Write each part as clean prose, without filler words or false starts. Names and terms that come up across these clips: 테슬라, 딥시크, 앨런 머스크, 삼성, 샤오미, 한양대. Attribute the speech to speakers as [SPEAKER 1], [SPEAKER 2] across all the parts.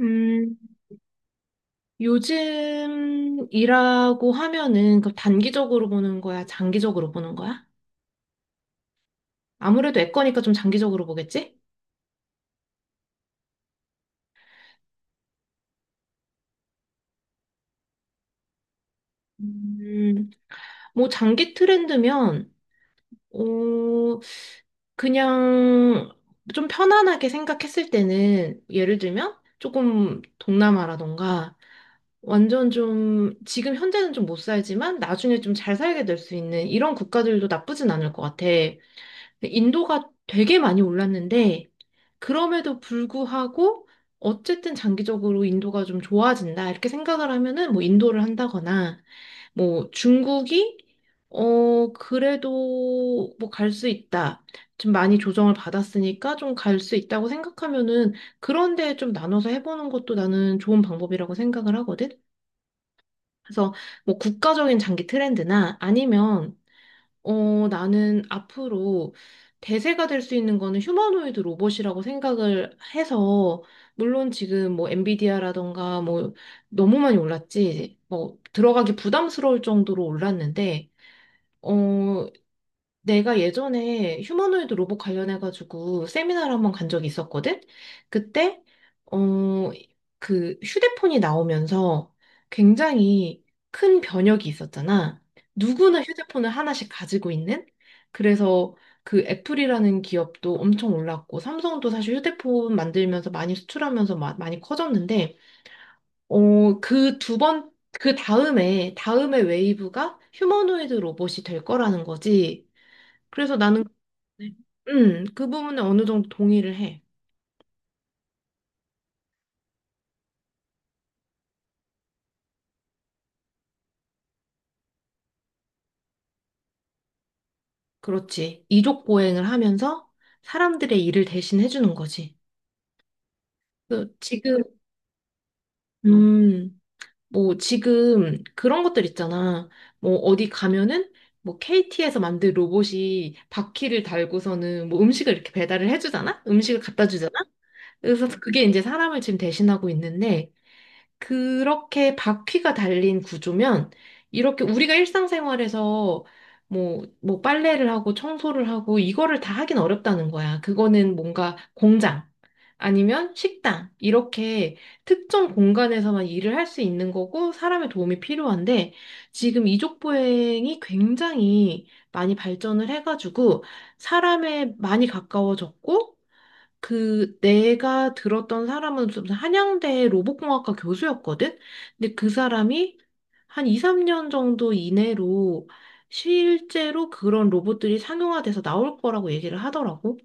[SPEAKER 1] 음, 요즘 이라고 하면은 그 단기적으로 보는 거야? 장기적으로 보는 거야? 아무래도 애 거니까 좀 장기적으로 보겠지? 음, 뭐 장기 트렌드면, 어, 그냥 좀 편안하게 생각했을 때는 예를 들면 조금 동남아라던가 완전 좀 지금 현재는 좀 못 살지만 나중에 좀 잘 살게 될 수 있는 이런 국가들도 나쁘진 않을 것 같아. 근데 인도가 되게 많이 올랐는데 그럼에도 불구하고 어쨌든 장기적으로 인도가 좀 좋아진다 이렇게 생각을 하면은 뭐 인도를 한다거나 뭐 중국이 그래도 뭐 갈 수 있다. 좀 많이 조정을 받았으니까 좀 갈 수 있다고 생각하면은 그런 데좀 나눠서 해보는 것도 나는 좋은 방법이라고 생각을 하거든. 그래서 뭐 국가적인 장기 트렌드나 아니면 나는 앞으로 대세가 될 수 있는 거는 휴머노이드 로봇이라고 생각을 해서, 물론 지금 뭐 엔비디아라던가 뭐 너무 많이 올랐지, 뭐 들어가기 부담스러울 정도로 올랐는데, 어, 내가 예전에 휴머노이드 로봇 관련해가지고 세미나를 한 번 간 적이 있었거든? 그때, 어, 그 휴대폰이 나오면서 굉장히 큰 변혁이 있었잖아. 누구나 휴대폰을 하나씩 가지고 있는? 그래서 그 애플이라는 기업도 엄청 올랐고, 삼성도 사실 휴대폰 만들면서 많이 수출하면서 많이 커졌는데, 어, 그 두 번, 그 다음에 웨이브가 휴머노이드 로봇이 될 거라는 거지. 그래서 나는 네. 그 부분은 어느 정도 동의를 해. 그렇지. 이족 보행을 하면서 사람들의 일을 대신 해주는 거지. 그 지금, 음, 뭐 지금 그런 것들 있잖아. 뭐 어디 가면은 뭐 KT에서 만든 로봇이 바퀴를 달고서는 뭐 음식을 이렇게 배달을 해주잖아? 음식을 갖다 주잖아? 그래서 그게 이제 사람을 지금 대신하고 있는데 그렇게 바퀴가 달린 구조면 이렇게 우리가 일상생활에서 뭐 빨래를 하고 청소를 하고 이거를 다 하긴 어렵다는 거야. 그거는 뭔가 공장 아니면 식당 이렇게 특정 공간에서만 일을 할 수 있는 거고 사람의 도움이 필요한데 지금 이족 보행이 굉장히 많이 발전을 해가지고 사람에 많이 가까워졌고 그 내가 들었던 사람은 좀 한양대 로봇공학과 교수였거든? 근데 그 사람이 한 2, 3년 정도 이내로 실제로 그런 로봇들이 상용화돼서 나올 거라고 얘기를 하더라고.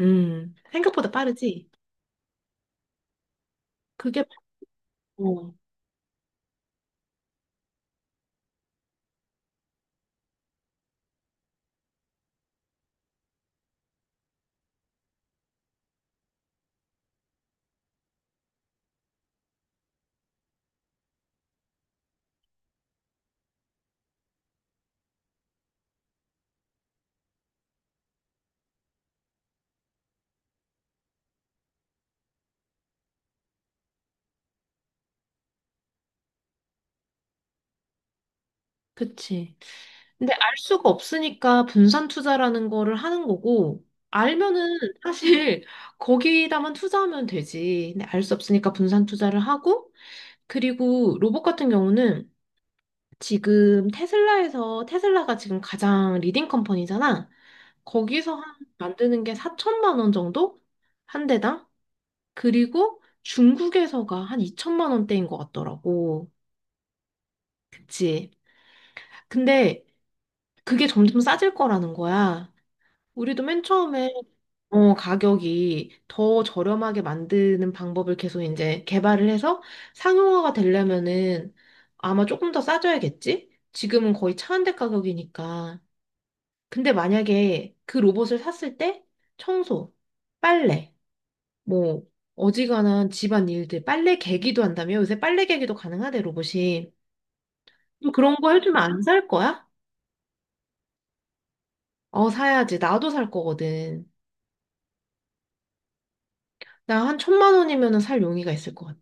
[SPEAKER 1] 생각보다 빠르지? 그게, 어, 그치. 근데 알 수가 없으니까 분산 투자라는 거를 하는 거고, 알면은 사실 거기다만 투자하면 되지. 근데 알 수 없으니까 분산 투자를 하고, 그리고 로봇 같은 경우는 지금 테슬라에서 테슬라가 지금 가장 리딩 컴퍼니잖아. 거기서 만드는 게 4천만 원 정도 한 대당. 그리고 중국에서가 한 2천만 원대인 것 같더라고. 그치? 근데 그게 점점 싸질 거라는 거야. 우리도 맨 처음에 가격이 더 저렴하게 만드는 방법을 계속 이제 개발을 해서 상용화가 되려면은 아마 조금 더 싸져야겠지? 지금은 거의 차한대 가격이니까. 근데 만약에 그 로봇을 샀을 때 청소, 빨래, 뭐 어지간한 집안 일들, 빨래 개기도 한다며? 요새 빨래 개기도 가능하대, 로봇이. 너 그런 거 해주면 안 살 거야? 어, 사야지. 나도 살 거거든. 나 한 천만 원이면은 살 용의가 있을 것 같아.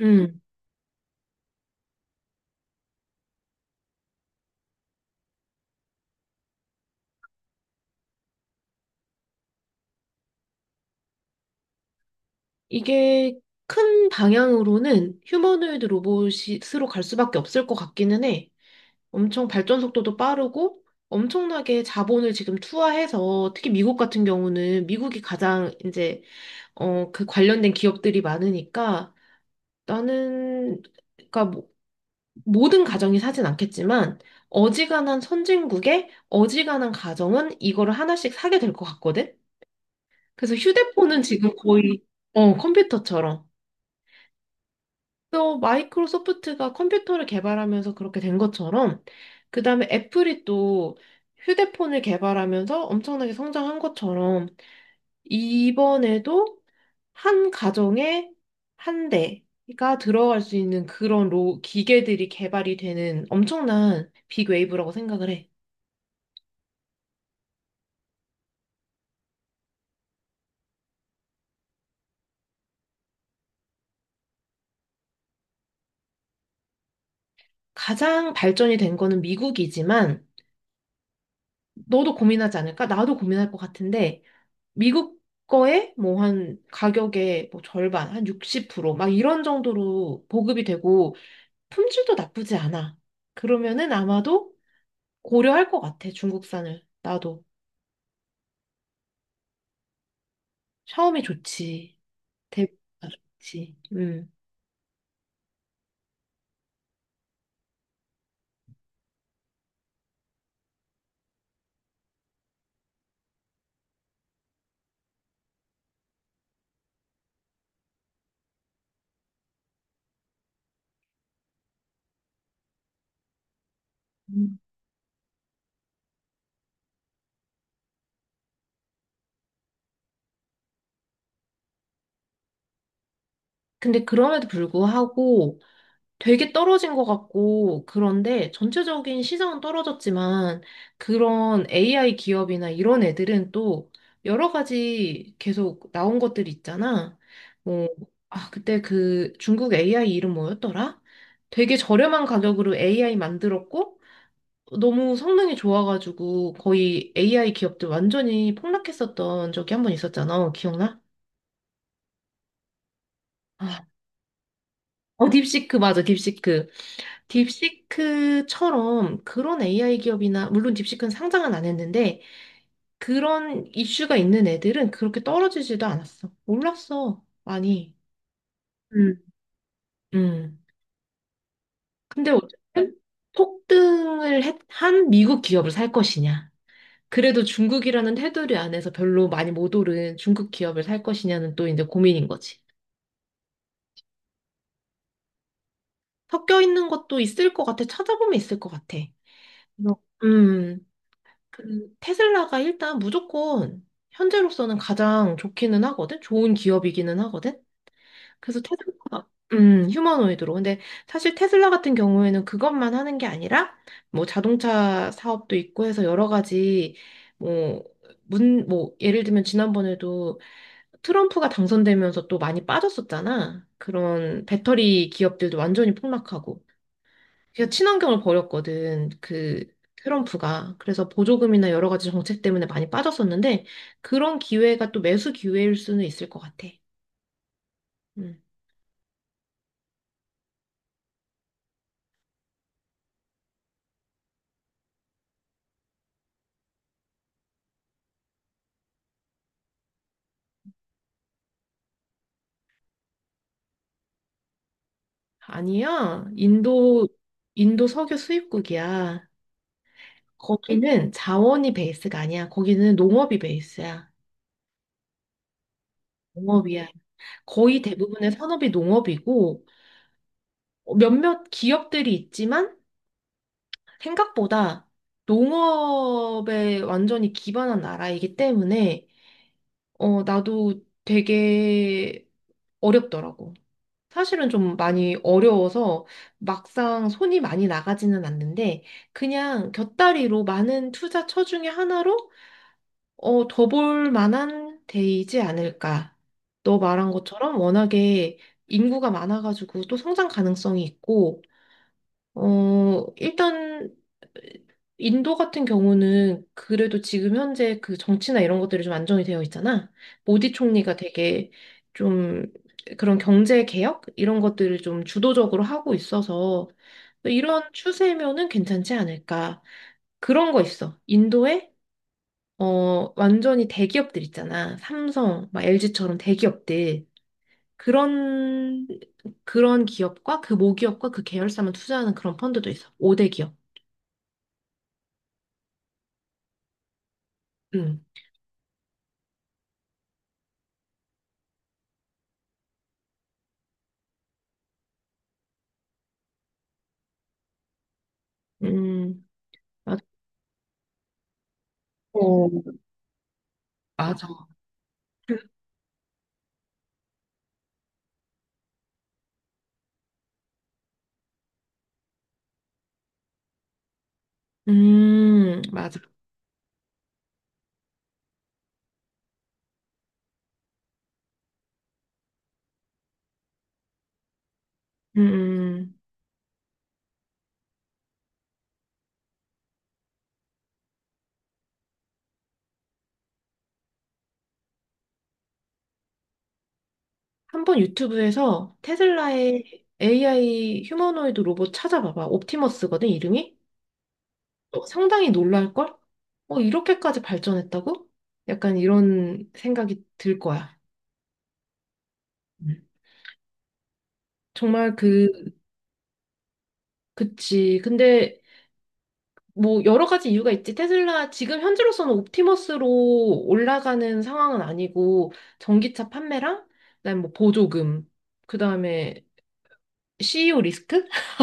[SPEAKER 1] 음, 이게 큰 방향으로는 휴머노이드 로봇으로 갈 수밖에 없을 것 같기는 해. 엄청 발전 속도도 빠르고 엄청나게 자본을 지금 투하해서 특히 미국 같은 경우는 미국이 가장 이제 그 관련된 기업들이 많으니까 나는 그러니까 모든 가정이 사진 않겠지만 어지간한 선진국의 어지간한 가정은 이거를 하나씩 사게 될 것 같거든. 그래서 휴대폰은 지금 거의 어, 컴퓨터처럼 또 마이크로소프트가 컴퓨터를 개발하면서 그렇게 된 것처럼 그 다음에 애플이 또 휴대폰을 개발하면서 엄청나게 성장한 것처럼 이번에도 한 가정에 한 대가 들어갈 수 있는 그런 기계들이 개발이 되는 엄청난 빅웨이브라고 생각을 해. 가장 발전이 된 거는 미국이지만 너도 고민하지 않을까? 나도 고민할 것 같은데 미국 거에 뭐 한 가격의 뭐 절반, 한 60%막 이런 정도로 보급이 되고 품질도 나쁘지 않아. 그러면은 아마도 고려할 것 같아, 중국산을. 나도. 샤오미 좋지. 대부분 다 좋지. 음. 음. 근데 그럼에도 불구하고 되게 떨어진 것 같고, 그런데 전체적인 시장은 떨어졌지만, 그런 AI 기업이나 이런 애들은 또 여러 가지 계속 나온 것들 있잖아. 뭐 아, 그때 그 중국 AI 이름 뭐였더라? 되게 저렴한 가격으로 AI 만들었고, 너무 성능이 좋아가지고 거의 AI 기업들 완전히 폭락했었던 적이 한 번 있었잖아. 기억나? 아, 딥시크 맞아, 딥시크. 딥시크처럼 그런 AI 기업이나, 물론 딥시크는 상장은 안 했는데, 그런 이슈가 있는 애들은 그렇게 떨어지지도 않았어. 올랐어. 많이. 음. 음. 근데 어쨌든 한 미국 기업을 살 것이냐. 그래도 중국이라는 테두리 안에서 별로 많이 못 오른 중국 기업을 살 것이냐는 또 이제 고민인 거지. 섞여 있는 것도 있을 것 같아. 찾아보면 있을 것 같아. 그래서 그 테슬라가 일단 무조건 현재로서는 가장 좋기는 하거든? 좋은 기업이기는 하거든? 그래서 테슬라가, 휴머노이드로. 근데 사실 테슬라 같은 경우에는 그것만 하는 게 아니라 뭐 자동차 사업도 있고 해서 여러 가지 뭐, 예를 들면 지난번에도 트럼프가 당선되면서 또 많이 빠졌었잖아. 그런 배터리 기업들도 완전히 폭락하고. 제가 친환경을 버렸거든. 그 트럼프가. 그래서 보조금이나 여러 가지 정책 때문에 많이 빠졌었는데 그런 기회가 또 매수 기회일 수는 있을 것 같아. 음. 아니야. 인도 석유 수입국이야. 거기는 자원이 베이스가 아니야. 거기는 농업이 베이스야. 농업이야. 거의 대부분의 산업이 농업이고 몇몇 기업들이 있지만 생각보다 농업에 완전히 기반한 나라이기 때문에 나도 되게 어렵더라고. 사실은 좀 많이 어려워서 막상 손이 많이 나가지는 않는데 그냥 곁다리로 많은 투자처 중에 하나로 더 볼 만한 데이지 않을까. 너 말한 것처럼 워낙에 인구가 많아가지고 또 성장 가능성이 있고 일단, 인도 같은 경우는 그래도 지금 현재 그 정치나 이런 것들이 좀 안정이 되어 있잖아. 모디 총리가 되게 좀 그런 경제 개혁? 이런 것들을 좀 주도적으로 하고 있어서 이런 추세면은 괜찮지 않을까. 그런 거 있어. 인도에, 완전히 대기업들 있잖아. 삼성, 막 LG처럼 대기업들. 그런, 그런 기업과 그 모기업과 그 계열사만 투자하는 그런 펀드도 있어. 5대 기업. 음, 음, 맞아. 어, 맞아. 맞아. 음, 한번 유튜브에서 테슬라의 AI 휴머노이드 로봇 찾아봐봐. 옵티머스거든, 이름이? 상당히 놀랄걸? 이렇게까지 발전했다고? 약간 이런 생각이 들 거야. 음. 정말 그치. 근데 뭐 여러 가지 이유가 있지. 테슬라 지금 현재로서는 옵티머스로 올라가는 상황은 아니고 전기차 판매랑 그다음에 뭐 보조금, 그다음에 CEO 리스크?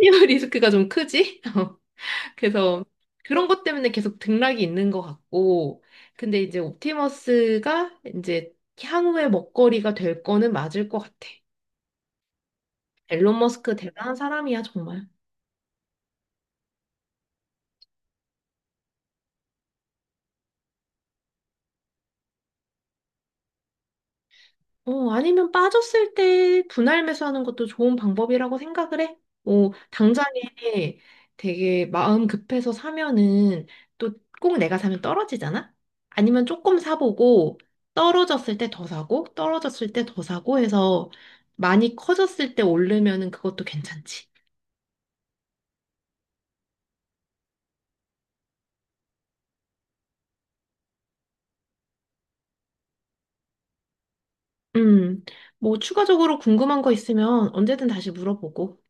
[SPEAKER 1] CEO 리스크가 좀 크지? 그래서 그런 것 때문에 계속 등락이 있는 것 같고 근데 이제 옵티머스가 이제 향후의 먹거리가 될 거는 맞을 것 같아. 앨런 머스크 대단한 사람이야, 정말. 아니면 빠졌을 때 분할 매수하는 것도 좋은 방법이라고 생각을 해. 당장에 되게 마음 급해서 사면은 또 꼭 내가 사면 떨어지잖아? 아니면 조금 사보고 떨어졌을 때 더 사고 떨어졌을 때 더 사고 해서 많이 커졌을 때 오르면은 그것도 괜찮지. 음, 뭐 추가적으로 궁금한 거 있으면 언제든 다시 물어보고.